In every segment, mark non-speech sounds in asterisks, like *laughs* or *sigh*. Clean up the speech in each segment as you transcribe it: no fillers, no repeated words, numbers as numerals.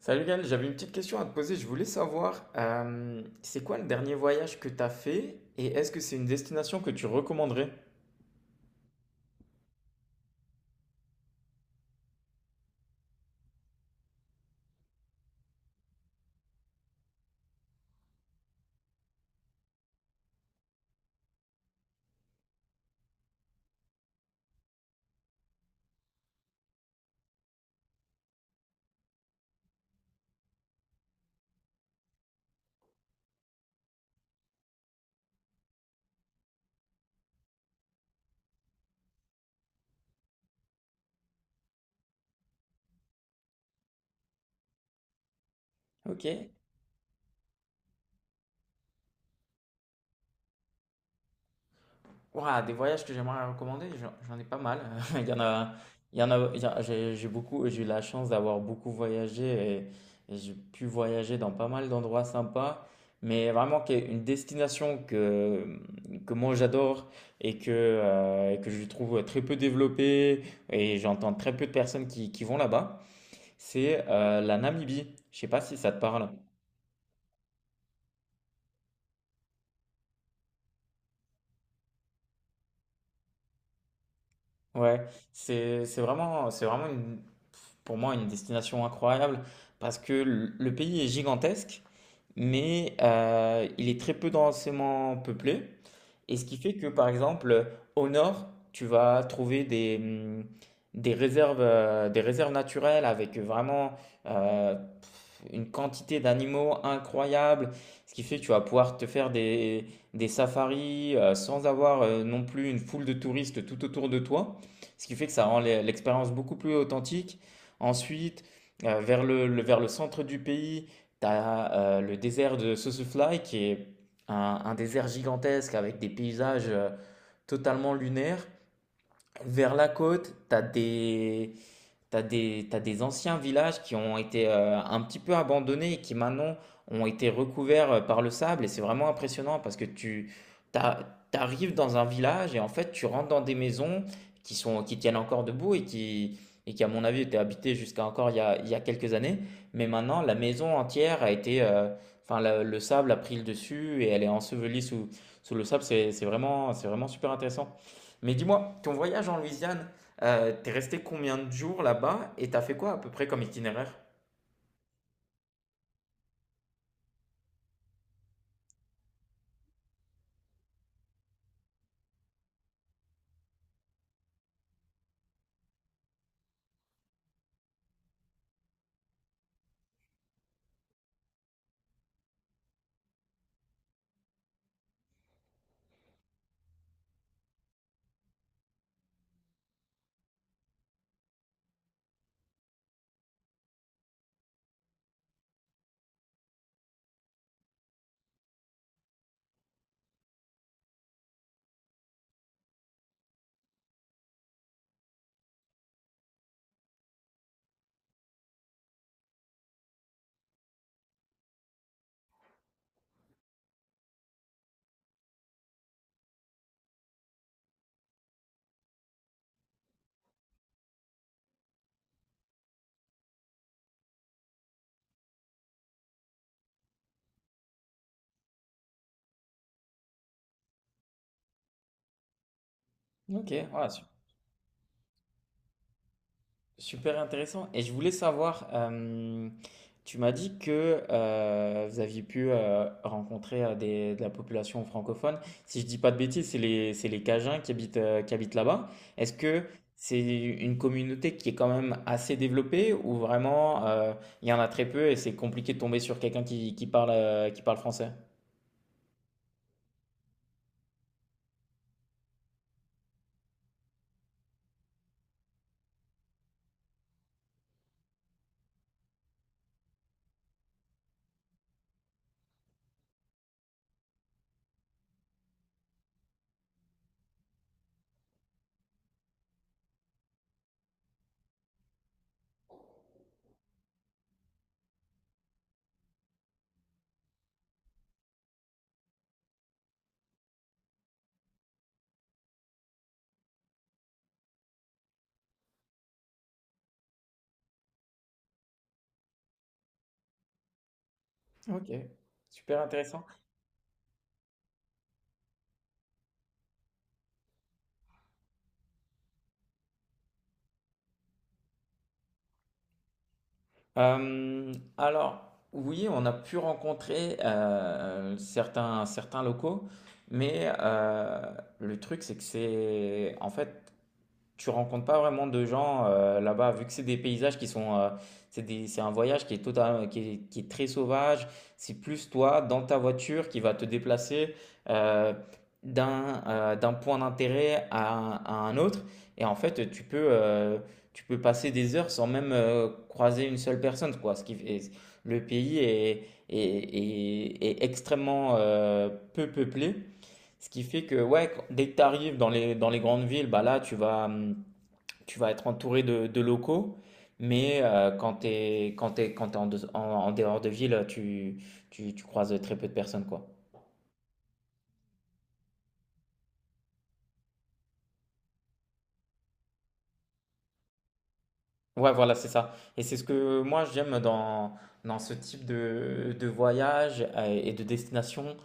Salut Gaël, j'avais une petite question à te poser. Je voulais savoir, c'est quoi le dernier voyage que tu as fait et est-ce que c'est une destination que tu recommanderais? Ok. Ouah, des voyages que j'aimerais recommander, j'en ai pas mal. *laughs* Il y en a, il y en a, j'ai beaucoup, j'ai eu la chance d'avoir beaucoup voyagé et j'ai pu voyager dans pas mal d'endroits sympas. Mais vraiment, qui est une destination que moi j'adore et que je trouve très peu développée et j'entends très peu de personnes qui vont là-bas. C'est la Namibie. Je sais pas si ça te parle. Ouais, c'est vraiment pour moi une destination incroyable parce que le pays est gigantesque, mais il est très peu densément peuplé. Et ce qui fait que, par exemple, au nord, tu vas trouver des réserves naturelles avec vraiment une quantité d'animaux incroyable. Ce qui fait que tu vas pouvoir te faire des safaris sans avoir non plus une foule de touristes tout autour de toi. Ce qui fait que ça rend l'expérience beaucoup plus authentique. Ensuite, vers le, vers le centre du pays, tu as le désert de Sossusvlei qui est un désert gigantesque avec des paysages totalement lunaires. Vers la côte, tu as des, t'as des, t'as des anciens villages qui ont été un petit peu abandonnés et qui maintenant ont été recouverts par le sable. Et c'est vraiment impressionnant parce que tu t'a- t'arrives dans un village et en fait tu rentres dans des maisons qui sont, qui tiennent encore debout et qui à mon avis étaient habitées jusqu'à encore il y a quelques années. Mais maintenant la maison entière a été, enfin le sable a pris le dessus et elle est ensevelie sous, sous le sable. C'est vraiment super intéressant. Mais dis-moi, ton voyage en Louisiane, t'es resté combien de jours là-bas et t'as fait quoi à peu près comme itinéraire? Ok, super intéressant. Et je voulais savoir, tu m'as dit que vous aviez pu rencontrer de la population francophone. Si je dis pas de bêtises, c'est les Cajuns qui habitent là-bas. Est-ce que c'est une communauté qui est quand même assez développée ou vraiment il y en a très peu et c'est compliqué de tomber sur quelqu'un qui parle français? Ok, super intéressant. Alors, oui, on a pu rencontrer certains, certains locaux, mais le truc, c'est que c'est en fait tu rencontres pas vraiment de gens là-bas, vu que c'est des paysages qui sont, c'est un voyage qui est total, qui est très sauvage. C'est plus toi dans ta voiture qui va te déplacer euh, d'un d'un point d'intérêt à un autre. Et en fait, tu peux passer des heures sans même croiser une seule personne, quoi. Le pays est, est, est extrêmement peu peuplé, ce qui fait que ouais, dès que tu arrives dans les grandes villes, bah là, tu vas être entouré de locaux, mais quand tu es, quand t'es en, en dehors de ville, tu croises très peu de personnes, quoi. Ouais, voilà, c'est ça. Et c'est ce que moi j'aime dans, dans ce type de voyage et de destination.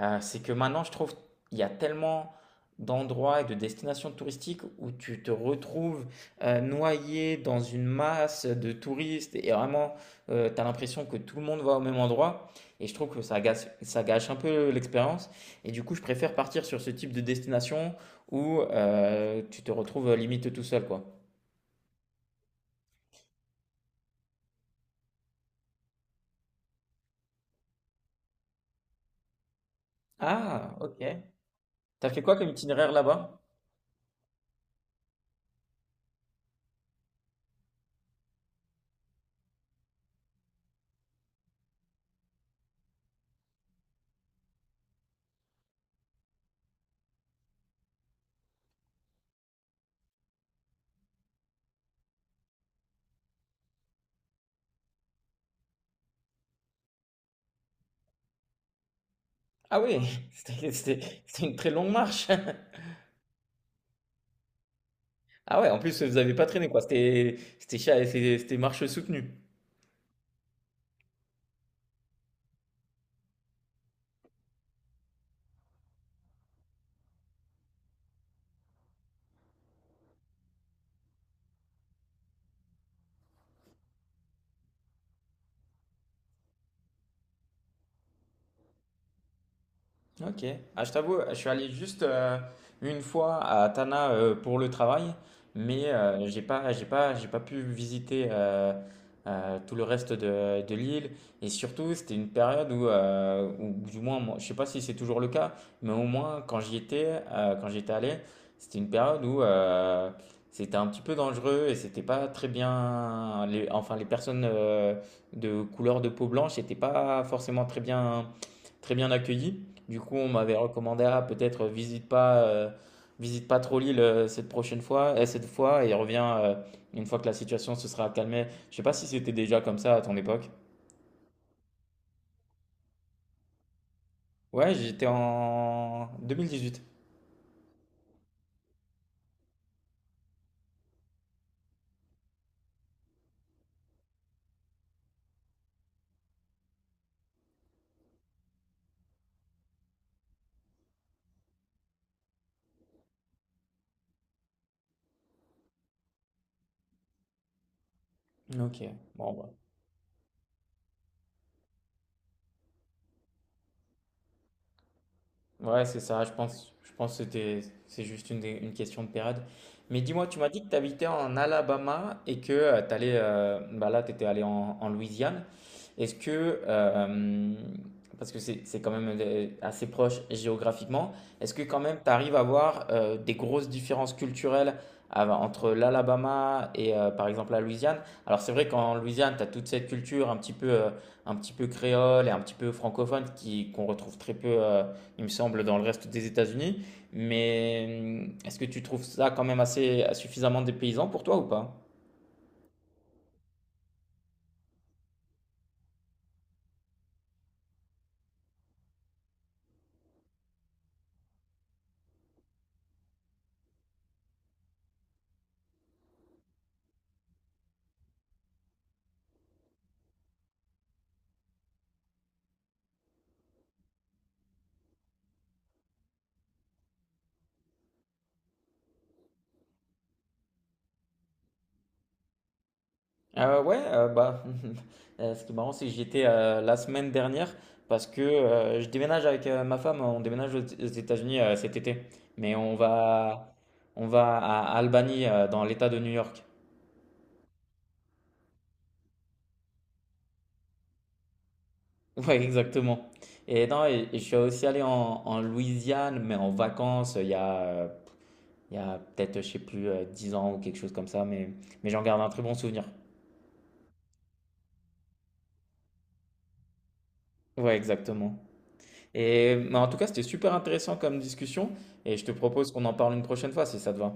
C'est que maintenant, je trouve il y a tellement d'endroits et de destinations touristiques où tu te retrouves noyé dans une masse de touristes et vraiment, tu as l'impression que tout le monde va au même endroit. Et je trouve que ça gâche un peu l'expérience. Et du coup, je préfère partir sur ce type de destination où tu te retrouves limite tout seul, quoi. Ah, ok. T'as fait quoi comme itinéraire là-bas? Ah oui, *laughs* c'était c'était une très longue marche. *laughs* Ah ouais, en plus vous avez pas traîné quoi, c'était c'était c'était marche soutenue. Ok. Ah, je t'avoue, je suis allé juste une fois à Tana pour le travail, mais j'ai pas pu visiter tout le reste de l'île. Et surtout, c'était une période où, où, du moins, moi, je sais pas si c'est toujours le cas, mais au moins quand j'y étais, quand j'étais allé, c'était une période où c'était un petit peu dangereux et c'était pas très bien. Les, enfin, les personnes de couleur de peau blanche n'étaient pas forcément très bien accueillies. Du coup, on m'avait recommandé à peut-être visite pas trop l'île cette prochaine fois, et cette fois, et reviens une fois que la situation se sera calmée. Je sais pas si c'était déjà comme ça à ton époque. Ouais, j'étais en 2018. Ok, bon, bah. Ouais, c'est ça. Je pense que c'était, c'est juste une, une question de période. Mais dis-moi, tu m'as dit que tu habitais en Alabama et que tu allais, bah là, tu étais allé en, en Louisiane. Est-ce que, parce que c'est quand même assez proche géographiquement, est-ce que quand même tu arrives à voir des grosses différences culturelles entre l'Alabama et par exemple la Louisiane? Alors c'est vrai qu'en Louisiane, tu as toute cette culture un petit peu créole et un petit peu francophone qui, qu'on retrouve très peu, il me semble, dans le reste des États-Unis. Mais est-ce que tu trouves ça quand même assez suffisamment dépaysant pour toi ou pas? Ouais, bah, *laughs* ce qui est marrant, c'est que j'y étais la semaine dernière parce que je déménage avec ma femme, on déménage aux États-Unis cet été. Mais on va à Albany, dans l'État de New York. *laughs* Ouais, exactement. Et non, et je suis aussi allé en, en Louisiane, mais en vacances, il y a peut-être, je sais plus, 10 ans ou quelque chose comme ça, mais j'en garde un très bon souvenir. Ouais, exactement. Et mais en tout cas, c'était super intéressant comme discussion et je te propose qu'on en parle une prochaine fois si ça te va.